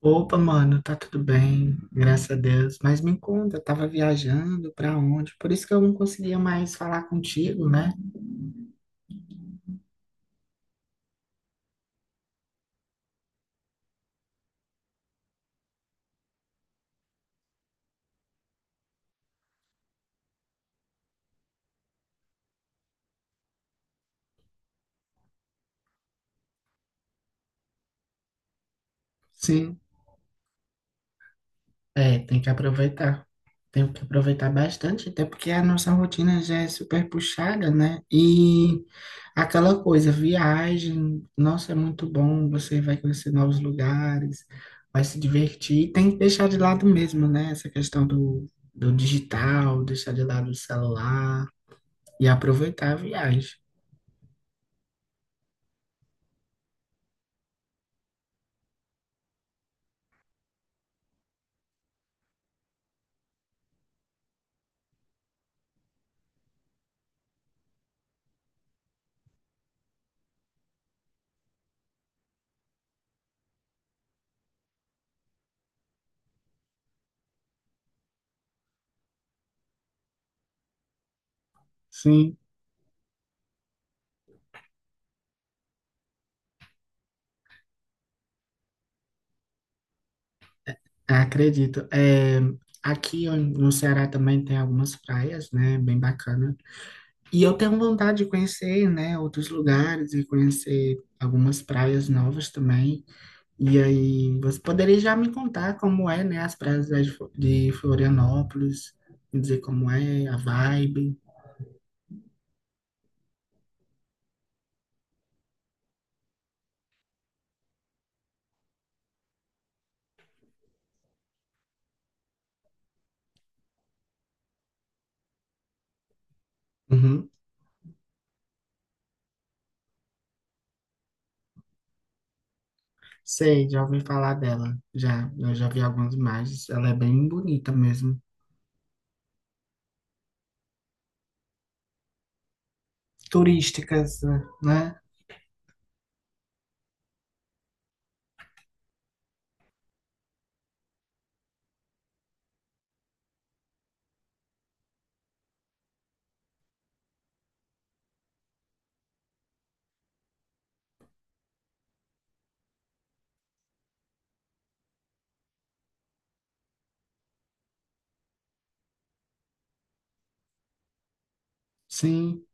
Opa, mano, tá tudo bem, graças a Deus. Mas me conta, eu tava viajando pra onde? Por isso que eu não conseguia mais falar contigo, né? Sim, é, tem que aproveitar. Tenho que aproveitar bastante, até porque a nossa rotina já é super puxada, né? E aquela coisa, viagem, nossa, é muito bom, você vai conhecer novos lugares, vai se divertir, tem que deixar de lado mesmo, né? Essa questão do digital, deixar de lado o celular. E aproveitar a viagem. Sim, acredito. É, no Ceará também tem algumas praias, né? Bem bacana. E eu tenho vontade de conhecer, né, outros lugares e conhecer algumas praias novas também. E aí, você poderia já me contar como é, né, as praias de de Florianópolis, me dizer como é, a vibe. Uhum. Sei, já ouvi falar dela. Já, eu já vi algumas imagens. Ela é bem bonita mesmo. Turísticas, né? Sim,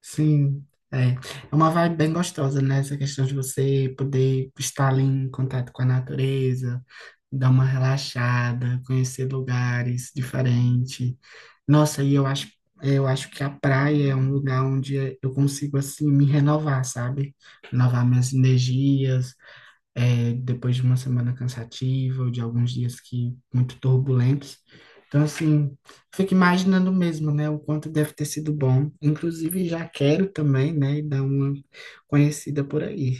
sim. É. É uma vibe bem gostosa, né? Essa questão de você poder estar ali em contato com a natureza, dar uma relaxada, conhecer lugares diferentes. Nossa, eu acho que a praia é um lugar onde eu consigo, assim, me renovar, sabe? Renovar minhas energias, é, depois de uma semana cansativa ou de alguns dias que muito turbulentos. Então, assim, fico imaginando mesmo, né, o quanto deve ter sido bom. Inclusive, já quero também, né, dar uma conhecida por aí.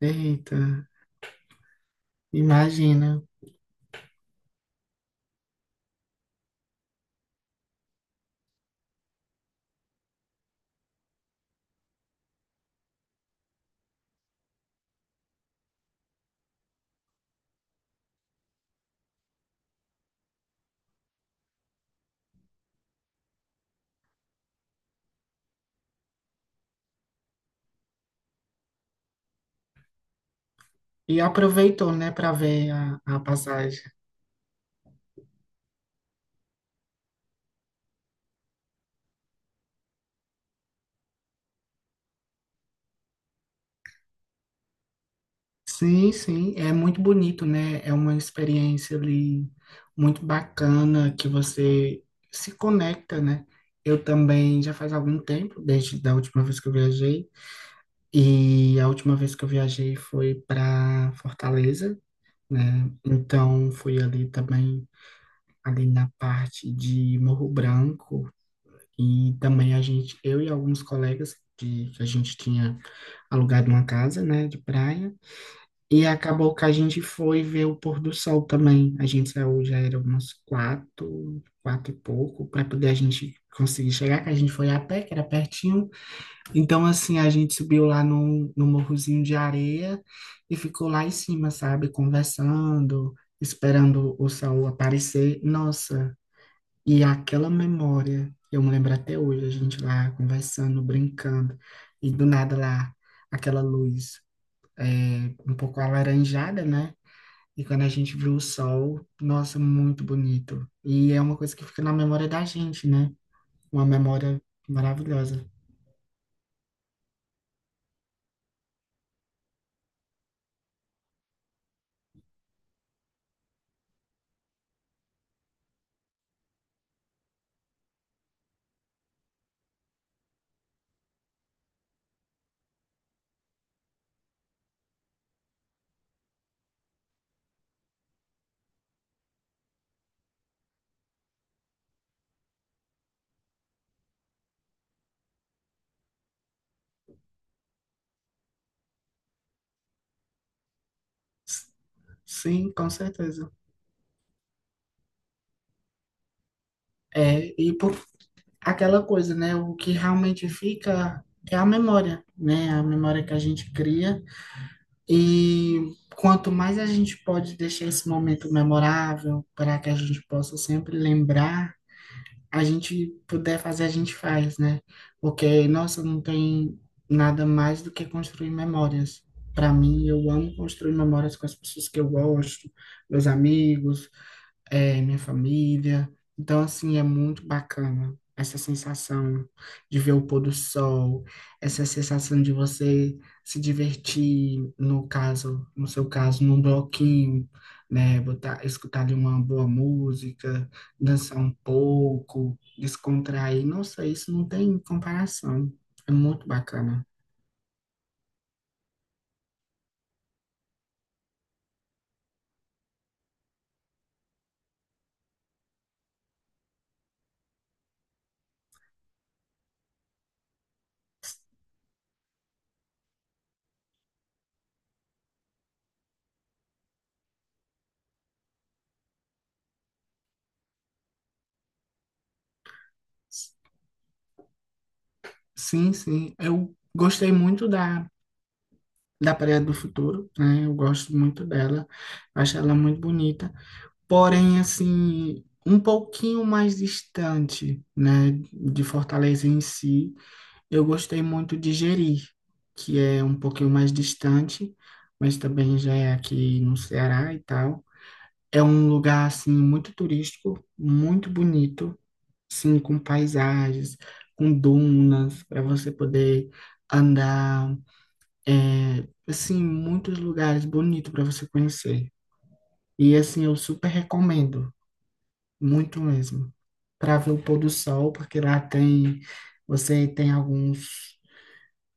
Eita, imagina. E aproveitou, né, para ver a passagem. Sim, sim, é muito bonito, né? É uma experiência ali muito bacana que você se conecta, né? Eu também já faz algum tempo, desde da última vez que eu viajei, e a última vez que eu viajei foi para Fortaleza, né? Então fui ali também ali na parte de Morro Branco e também a gente, eu e alguns colegas de, que a gente tinha alugado uma casa, né, de praia. E acabou que a gente foi ver o pôr do sol também. A gente saiu, já era umas quatro, quatro e pouco, para poder a gente conseguir chegar, que a gente foi a pé, que era pertinho. Então, assim, a gente subiu lá no morrozinho de areia e ficou lá em cima, sabe, conversando, esperando o sol aparecer. Nossa, e aquela memória, eu me lembro até hoje, a gente lá conversando, brincando, e do nada lá, aquela luz. É, um pouco alaranjada, né? E quando a gente viu o sol, nossa, muito bonito. E é uma coisa que fica na memória da gente, né? Uma memória maravilhosa. S- Sim, com certeza. É, e por aquela coisa, né? O que realmente fica é a memória, né? A memória que a gente cria. E quanto mais a gente pode deixar esse momento memorável para que a gente possa sempre lembrar a gente puder fazer, a gente faz, né? Porque, nossa, não tem nada mais do que construir memórias. Para mim, eu amo construir memórias com as pessoas que eu gosto, meus amigos, é, minha família. Então, assim, é muito bacana essa sensação de ver o pôr do sol, essa sensação de você se divertir, no caso, no seu caso, num bloquinho, né? Botar, escutar ali uma boa música, dançar um pouco, descontrair. Nossa, isso não tem comparação. É muito bacana. Sim, sim. Eu gostei muito da Praia do Futuro, né? Eu gosto muito dela, acho ela muito bonita. Porém, assim, um pouquinho mais distante, né, de Fortaleza em si, eu gostei muito de Jeri, que é um pouquinho mais distante, mas também já é aqui no Ceará e tal. É um lugar, assim, muito turístico, muito bonito, sim, com paisagens, com dunas, para você poder andar é, assim, muitos lugares bonitos para você conhecer. E assim, eu super recomendo, muito mesmo, para ver o pôr do sol, porque lá tem, você tem alguns,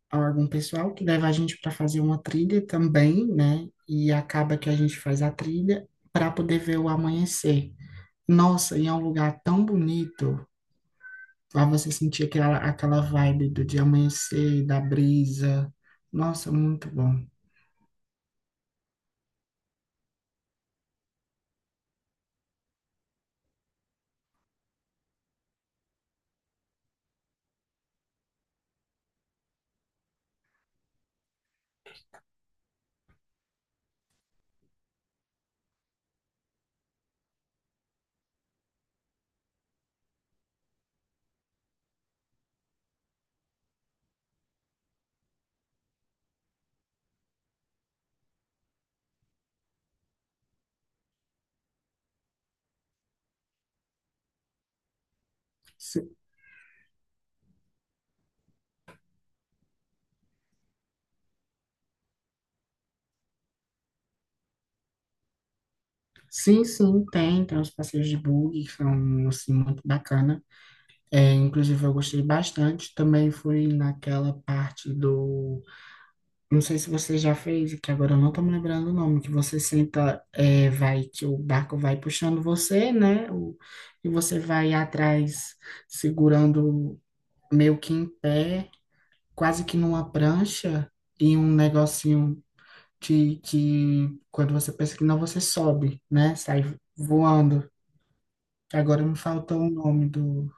algum pessoal que leva a gente para fazer uma trilha também, né? E acaba que a gente faz a trilha para poder ver o amanhecer. Nossa, e é um lugar tão bonito, para você sentir aquela vibe do de amanhecer, da brisa. Nossa, muito bom. Sim, sim, tem, tem os passeios de buggy que são, assim, muito bacana. É, inclusive, eu gostei bastante. Também fui naquela parte do... Não sei se você já fez, que agora eu não tô me lembrando o nome, que você senta, é, vai, que o barco vai puxando você, né? O, e você vai atrás segurando meio que em pé, quase que numa prancha, e um negocinho que quando você pensa que não, você sobe, né? Sai voando. Agora me faltou o nome do.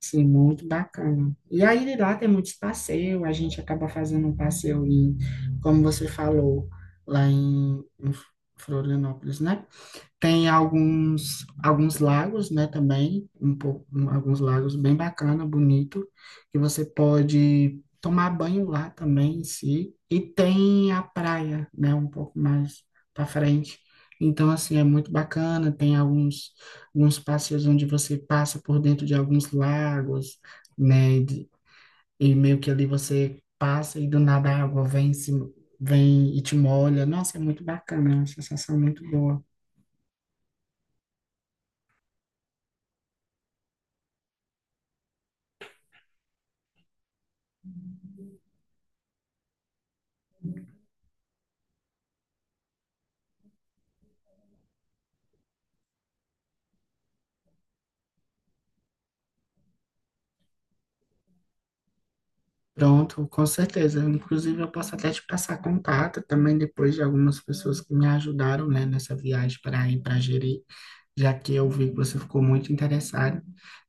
Sim, muito bacana. E aí lá tem muitos passeios, a gente acaba fazendo um passeio em, como você falou, lá em Florianópolis, né? Tem alguns, alguns lagos, né, também, um pouco, alguns lagos bem bacana, bonito, que você pode tomar banho lá também em si. E tem a praia, né, um pouco mais para frente. Então, assim, é muito bacana, tem alguns, alguns passeios onde você passa por dentro de alguns lagos, né, de- e meio que ali você passa e do nada a água vem, em cima- vem e te molha. Nossa, é muito bacana, é uma sensação muito boa. Pronto, com certeza. Inclusive, eu posso até te passar contato também depois de algumas pessoas que me ajudaram, né, nessa viagem para ir para Jeri, já que eu vi que você ficou muito interessado.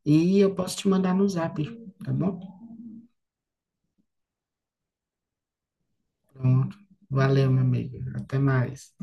E eu posso te mandar no zap, tá bom? Pronto. Valeu, meu amigo. Até mais.